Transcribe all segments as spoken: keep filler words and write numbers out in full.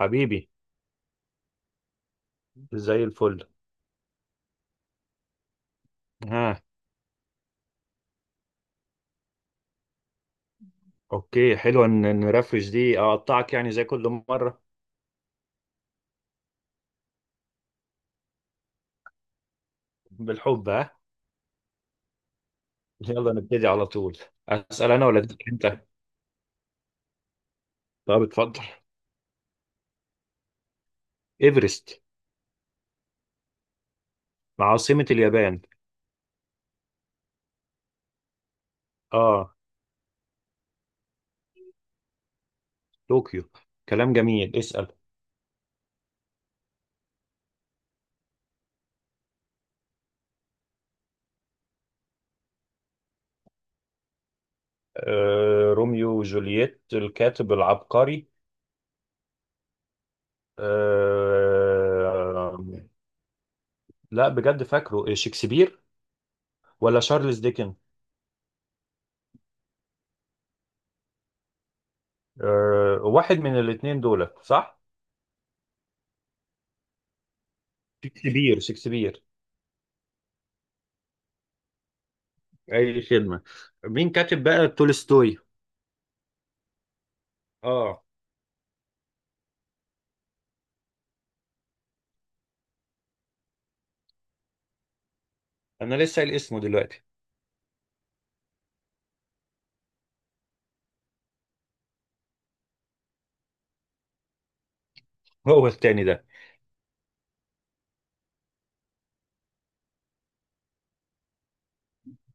حبيبي. زي الفل. ها. اوكي حلو، ان إن نرفرش دي اقطعك يعني زي كل مره. بالحب. ها. يلا نبتدي على طول. اسال انا ولا تسال انت؟ طب اتفضل. ايفرست. عاصمه اليابان. اه. طوكيو. كلام جميل، اسال. آه روميو وجولييت الكاتب العبقري. آه لا بجد، فاكره إيه، شكسبير ولا شارلز ديكن؟ آه، واحد من الاثنين دول صح. شكسبير، شكسبير. اي خدمه. مين كاتب بقى تولستوي؟ اه. انا لسه قايل اسمه دلوقتي. هو التاني ده.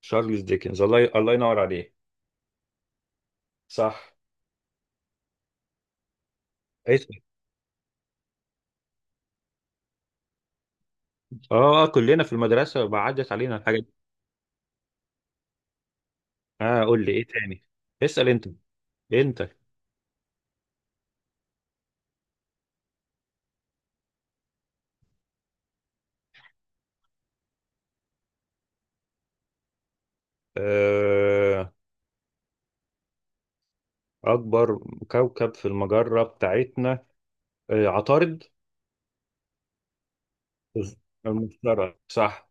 شارلز ديكنز. الله ي... الله ينور عليه. صح. اسال. اه، آه، كلنا في المدرسه عدت علينا الحاجات دي. اه، قول لي ايه تاني. اسال انت. انت آه، اكبر كوكب في المجره بتاعتنا. آه عطارد. المشتري صح.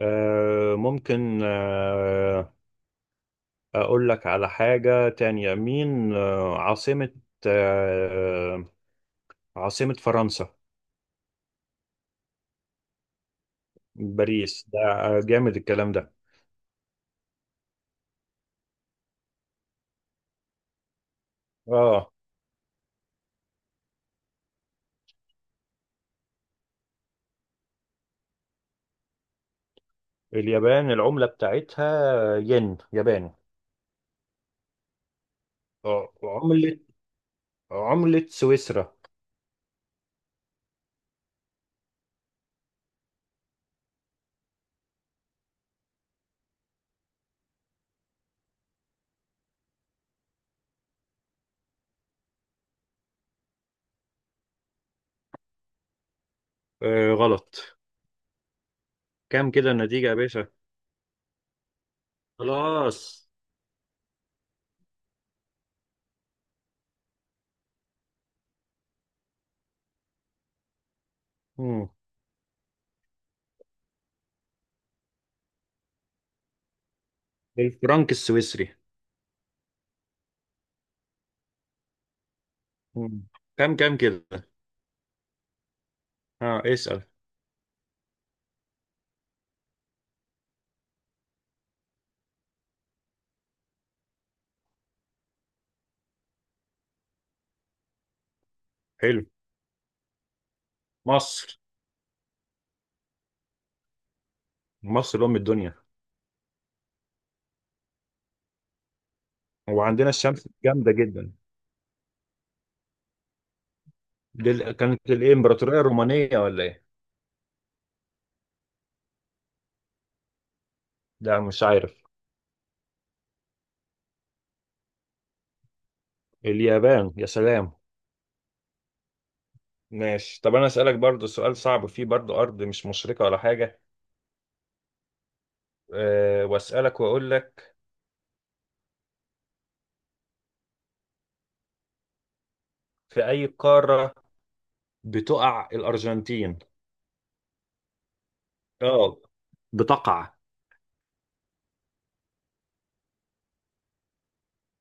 آه ممكن آه أقول لك على حاجة تانية. مين آه، عاصمة آه، عاصمة فرنسا. باريس ده. آه، جامد الكلام ده. اه، اليابان العملة بتاعتها ين ياباني. آه، عملة عملة سويسرا. آه، غلط. كام كده النتيجة يا باشا؟ خلاص. مم. الفرنك السويسري. مم. كام كام كده. اه اسأل. حلو. مصر. مصر أم الدنيا. وعندنا الشمس جامدة جدا. دي ال- كانت الإمبراطورية الرومانية ولا إيه؟ لا مش عارف. اليابان يا سلام. ماشي، طب أنا أسألك برضو سؤال صعب فيه برضو، أرض مش مشرقة ولا حاجة. أه وأسألك وأقول لك. في أي قارة بتقع الأرجنتين؟ آه. بتقع.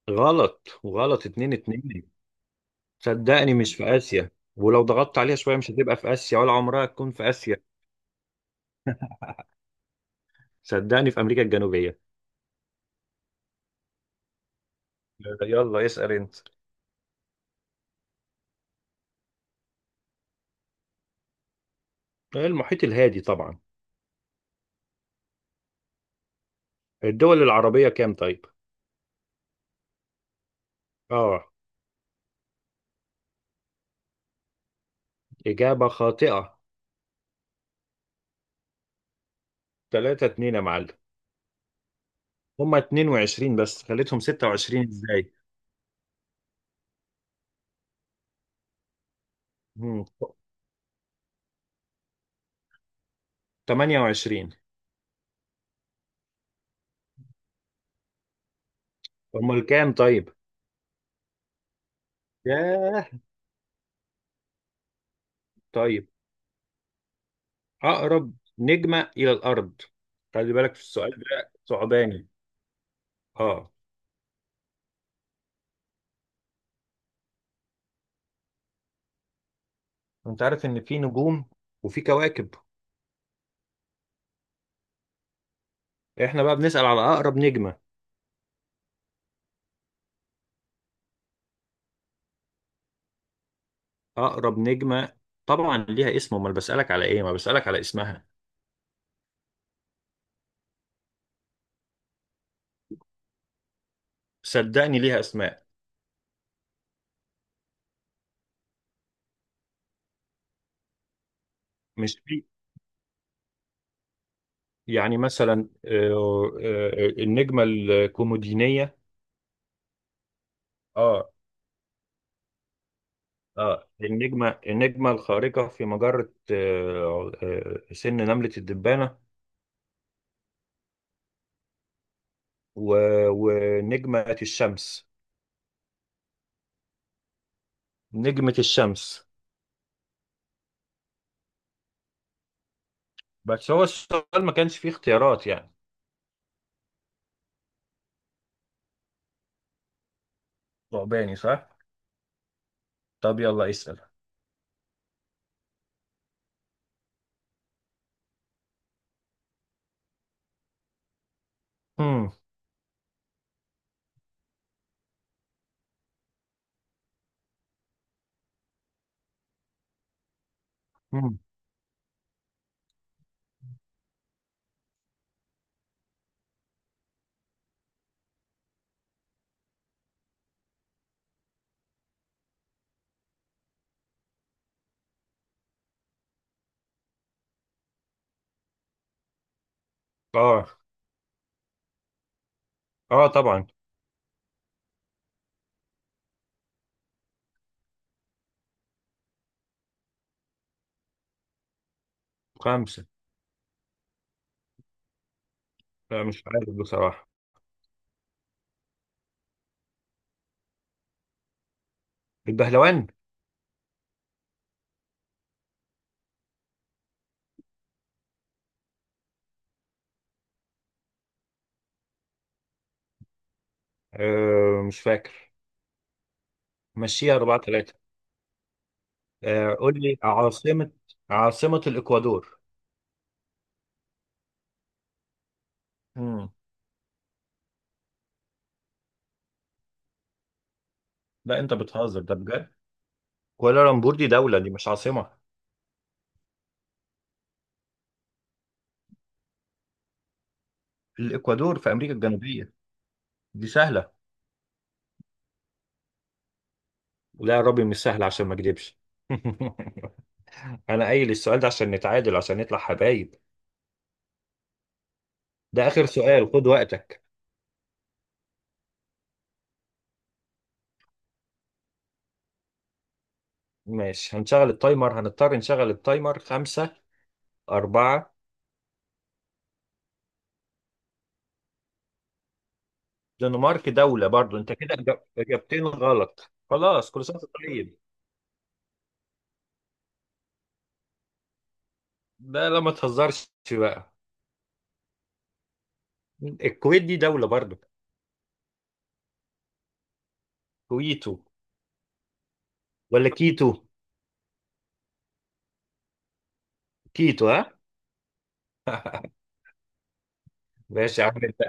غلط وغلط، اتنين اتنين. صدقني مش في آسيا، ولو ضغطت عليها شوية مش هتبقى في آسيا، ولا عمرها تكون في آسيا. صدقني في أمريكا الجنوبية. آه، يلا اسأل أنت. المحيط الهادي طبعا. الدول العربية كام طيب؟ اه. إجابة خاطئة. ثلاثة اتنين يا معلم. هما اتنين وعشرين بس خليتهم ستة وعشرين إزاي؟ مم. ثمانية وعشرون. أمال كام طيب؟ ياه. طيب، أقرب نجمة إلى الأرض. خلي بالك في السؤال ده صعباني. آه. أنت عارف إن في نجوم وفي كواكب. إحنا بقى بنسأل على أقرب نجمة. أقرب نجمة طبعا ليها اسم، أمال بسألك على إيه؟ ما بسألك على اسمها. صدقني ليها أسماء. مش في. يعني مثلا، آه، آه، النجمة الكومودينية. اه. اه، النجمة النجمة الخارقة في مجرة، آه، آه، سن نملة الدبانة. و- ونجمة الشمس. نجمة الشمس. بس هو السؤال ما كانش فيه اختيارات يعني. ثعباني صح. طب يلا اسال. مم. مم. اه. اه طبعا. خمسة. لا مش عارف بصراحة. البهلوان. آه مش فاكر. مشيها أربعة ثلاثة. آه، قول لي عاصمة عاصمة الإكوادور. مم. لا انت بتهزر ده بجد. كوالالمبور دي دولة، دي مش عاصمة. الإكوادور في أمريكا الجنوبية. دي سهلة. لا يا ربي مش سهل عشان ما أكدبش. أنا قايل السؤال ده عشان نتعادل، عشان نطلع حبايب. ده آخر سؤال، خد وقتك. ماشي، هنشغل التايمر، هنضطر نشغل التايمر. خمسة. أربعة. دنمارك دولة برضو، أنت كده إجاب- إجابتين غلط، خلاص كل سنة وأنت طيب. ده لا ما تهزرش بقى. الكويت دي دولة برضو. كويتو ولا كيتو؟ كيتو ها. ماشي يا عم. انت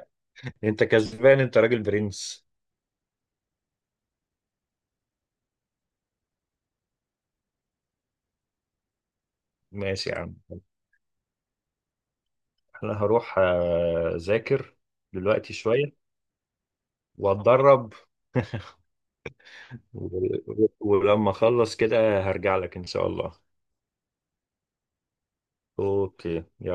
انت كسبان، انت راجل برنس. ماشي يا عم. انا هروح، آه، اذاكر دلوقتي شوية واتدرب. و- ولما اخلص كده هرجع لك ان شاء الله. اوكي يلا.